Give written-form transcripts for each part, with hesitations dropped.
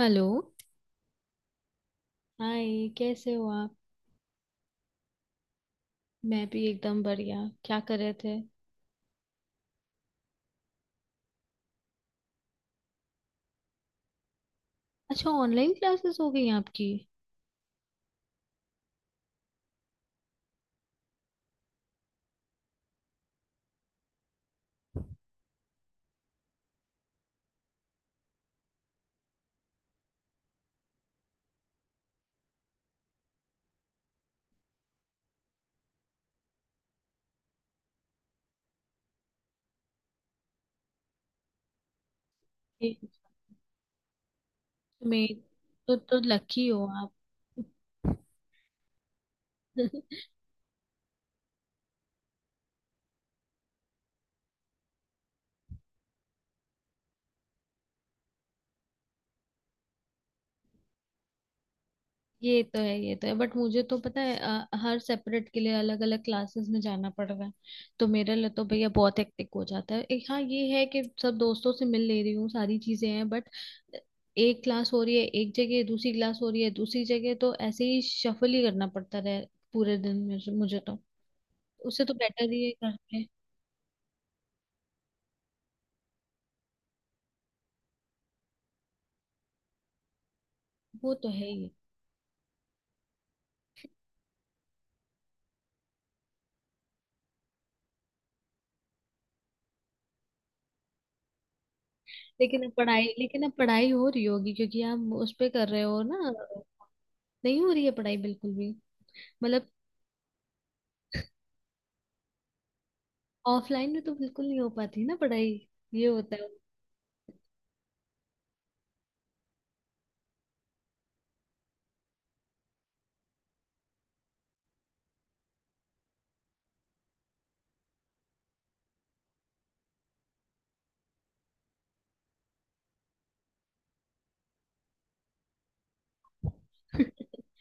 Hello. Hi. कैसे हो आप? मैं भी एकदम बढ़िया। क्या कर रहे थे? अच्छा, ऑनलाइन क्लासेस हो गई आपकी। ये तुम्हें, तो लकी हो आप। ये तो है, ये तो है, बट मुझे तो पता है, हर सेपरेट के लिए अलग अलग क्लासेस में जाना पड़ रहा है। तो मेरे लिए तो भैया बहुत हेक्टिक हो जाता है। एक हाँ, ये है कि सब दोस्तों से मिल ले रही हूँ, सारी चीजें हैं, बट एक क्लास हो रही है एक जगह, दूसरी क्लास हो रही है दूसरी जगह, तो ऐसे ही शफल ही करना पड़ता रहे पूरे दिन में। मुझे मुझे तो उससे तो बेटर ही है घर पे। वो तो है ही। लेकिन अब पढ़ाई, हो रही होगी क्योंकि आप उस पे कर रहे हो ना। नहीं हो रही है पढ़ाई बिल्कुल भी, मतलब ऑफलाइन में तो बिल्कुल नहीं हो पाती ना पढ़ाई। ये होता है।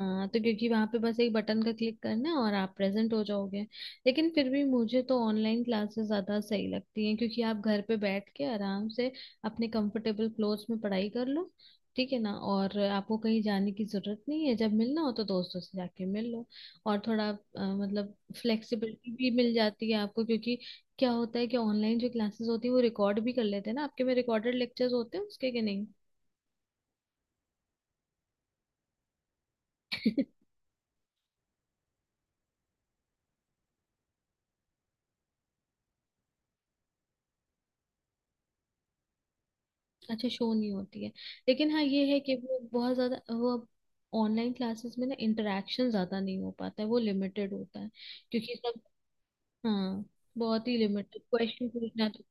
हाँ, तो क्योंकि वहां पे बस एक बटन का क्लिक करना है और आप प्रेजेंट हो जाओगे। लेकिन फिर भी मुझे तो ऑनलाइन क्लासेस ज्यादा सही लगती हैं, क्योंकि आप घर पे बैठ के आराम से अपने कंफर्टेबल क्लोथ्स में पढ़ाई कर लो। ठीक है ना, और आपको कहीं जाने की जरूरत नहीं है। जब मिलना हो तो दोस्तों से जाके मिल लो। और थोड़ा मतलब फ्लेक्सिबिलिटी भी मिल जाती है आपको, क्योंकि क्या होता है कि ऑनलाइन जो क्लासेस होती है वो रिकॉर्ड भी कर लेते हैं ना, आपके में रिकॉर्डेड लेक्चर्स होते हैं उसके कि नहीं? अच्छा, शो नहीं होती है। लेकिन हाँ, ये है कि वो बहुत ज्यादा वो ऑनलाइन क्लासेस में ना, इंटरेक्शन ज्यादा नहीं हो पाता है, वो लिमिटेड होता है क्योंकि सब। हाँ, बहुत ही लिमिटेड। क्वेश्चन पूछना तो।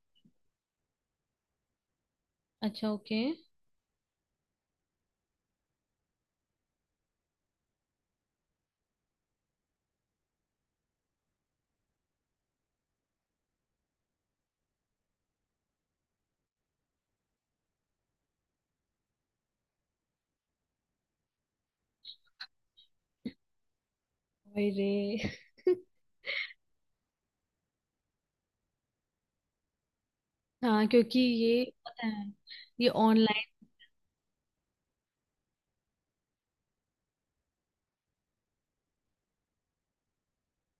अच्छा, ओके। अरे। हाँ क्योंकि ये पता है, ये ऑनलाइन।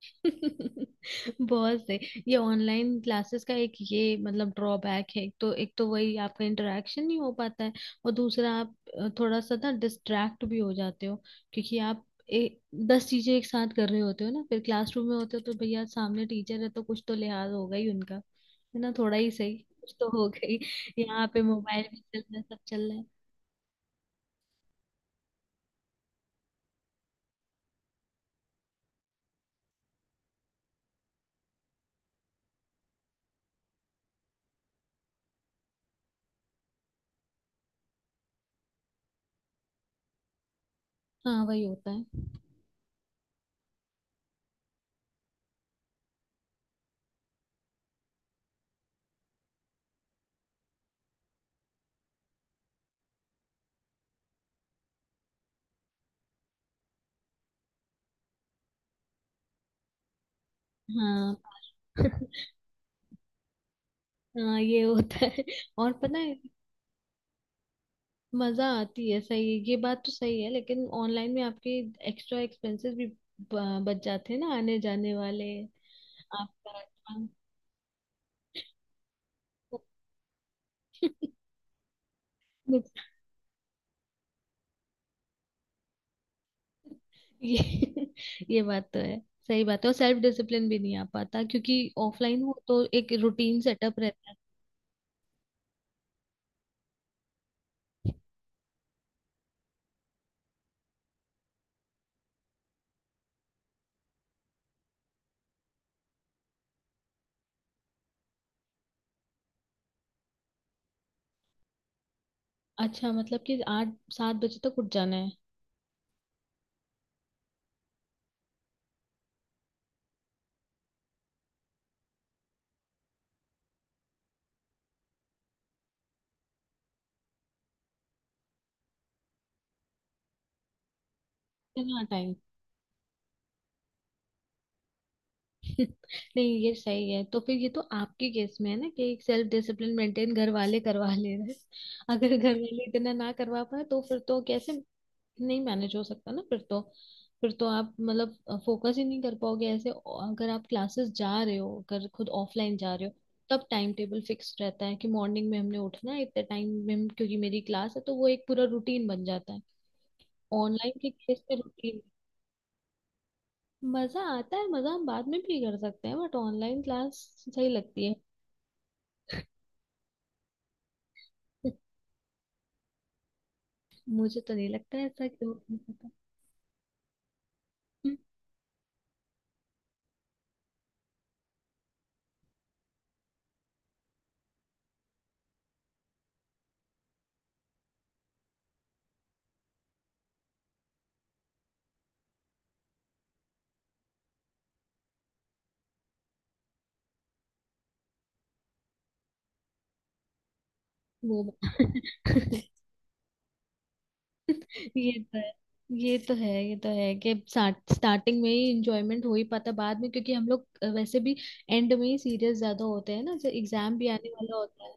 बहुत सही। ये ऑनलाइन क्लासेस का एक ये मतलब ड्रॉबैक है, तो एक तो वही आपका इंटरेक्शन नहीं हो पाता है, और दूसरा आप थोड़ा सा ना डिस्ट्रैक्ट भी हो जाते हो, क्योंकि आप 10 चीजें एक साथ कर रहे होते हो ना। फिर क्लासरूम में होते हो तो भैया सामने टीचर है, तो कुछ तो लिहाज होगा ही उनका। है ना, थोड़ा ही सही कुछ तो हो गई। यहाँ पे मोबाइल भी चल रहा है, सब चल रहा है। हाँ वही होता है। हाँ। हाँ ये होता है, और पता है मजा आती है, सही है। ये बात तो सही है, लेकिन ऑनलाइन में आपके एक्स्ट्रा एक्सपेंसेस भी बच जाते हैं ना, आने जाने वाले आपका। ये ये बात तो है, सही बात है। और सेल्फ डिसिप्लिन भी नहीं आ पाता, क्योंकि ऑफलाइन हो तो एक रूटीन सेटअप रहता है। अच्छा, मतलब कि आठ सात बजे तक उठ जाना है? इतना टाइम! नहीं, ये सही है। तो फिर ये तो आपके केस में है ना, कि एक सेल्फ डिसिप्लिन मेंटेन घर वाले करवा ले रहे हैं। अगर घर वाले इतना ना करवा पाए तो फिर तो कैसे? नहीं मैनेज हो सकता ना फिर तो। फिर तो आप मतलब फोकस ही नहीं कर पाओगे ऐसे। अगर आप क्लासेस जा रहे हो, अगर खुद ऑफलाइन जा रहे हो, तब टाइम टेबल फिक्स रहता है कि मॉर्निंग में हमने उठना है, इतने टाइम में क्योंकि मेरी क्लास है, तो वो एक पूरा रूटीन बन जाता है। ऑनलाइन के केस में रूटीन। मजा आता है, मजा हम बाद में भी कर सकते हैं, बट ऑनलाइन क्लास सही लगती है। मुझे तो नहीं लगता है ऐसा, क्यों नहीं पता। हम्म, वो बात- ये तो है। ये तो है, ये तो है कि स्टार्टिंग में ही इंजॉयमेंट हो ही पाता, बाद में क्योंकि हम लोग वैसे भी एंड में ही सीरियस ज्यादा होते हैं ना, जब एग्जाम भी आने वाला होता है।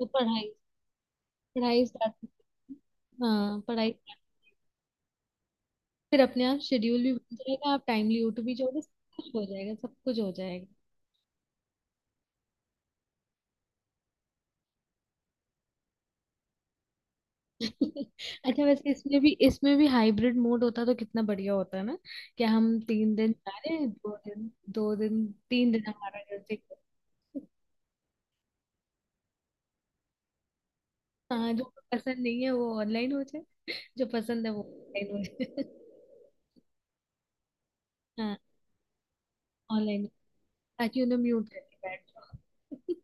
तो पढ़ाई पढ़ाई स्टार्ट। हाँ पढ़ाई start- फिर अपने आप शेड्यूल भी बन जाएगा। आप टाइमली उठ भी जाओगे सब। कुछ हो जाएगा, सब कुछ हो जाएगा। अच्छा, वैसे इसमें भी हाइब्रिड मोड होता तो कितना बढ़िया होता है ना। कि हम 3 दिन जा रहे हैं, दो दिन 3 दिन हमारा जैसे। हाँ, जो पसंद नहीं है वो ऑनलाइन हो जाए, जो पसंद है वो ऑनलाइन हो जाए। हाँ, ऑनलाइन, ताकि उन्हें म्यूट करके बैठ जाओ।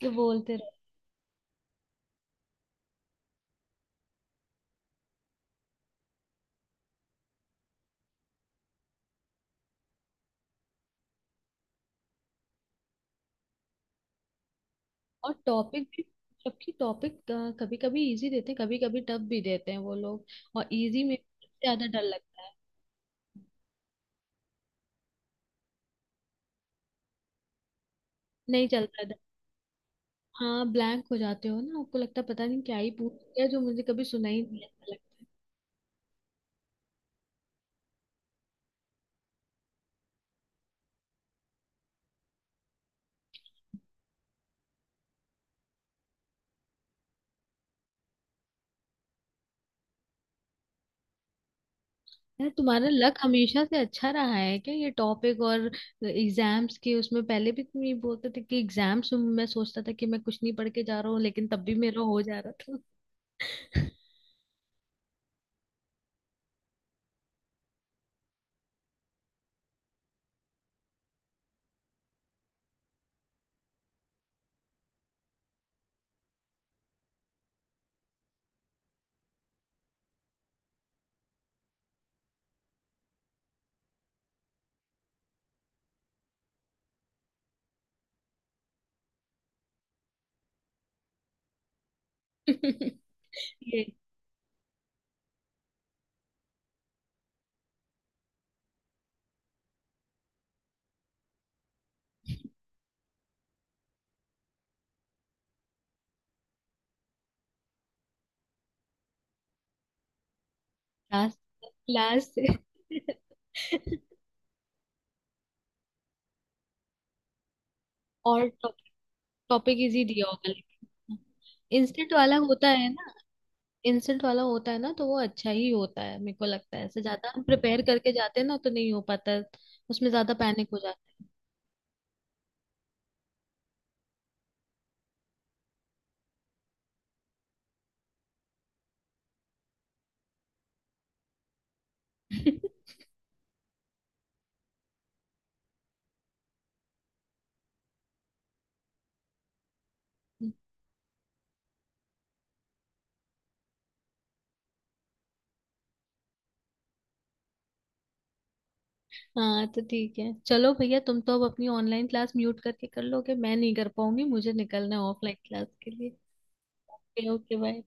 कि बोलते रहो। और टॉपिक भी, जबकि टॉपिक कभी कभी इजी देते हैं, कभी कभी टफ भी देते हैं वो लोग। और इजी में सबसे ज्यादा डर लगता है, नहीं चलता। हाँ, ब्लैंक हो जाते हो ना। आपको लगता है पता नहीं क्या ही पूछ लिया, जो मुझे कभी सुना ही नहीं, ऐसा लगता है। यार, तुम्हारा लक हमेशा से अच्छा रहा है क्या? ये टॉपिक और एग्जाम्स के उसमें पहले भी तुम ये बोलते थे कि एग्जाम्स में मैं सोचता था कि मैं कुछ नहीं पढ़ के जा रहा हूँ, लेकिन तब भी मेरा हो जा रहा था। ये क्लास क्लास से। और टॉपिक इजी दिया होगा लेकिन। इंस्टेंट वाला होता है ना, इंस्टेंट वाला होता है ना तो वो अच्छा ही होता है। मेरे को लगता है ऐसे ज्यादा हम प्रिपेयर करके जाते हैं ना तो नहीं हो पाता, उसमें ज्यादा पैनिक हो जाता है। हाँ तो ठीक है, चलो भैया, तुम तो अब अपनी ऑनलाइन क्लास म्यूट करके कर लोगे। मैं नहीं कर पाऊंगी, मुझे निकलना है ऑफलाइन क्लास के लिए। Okay okay, bye.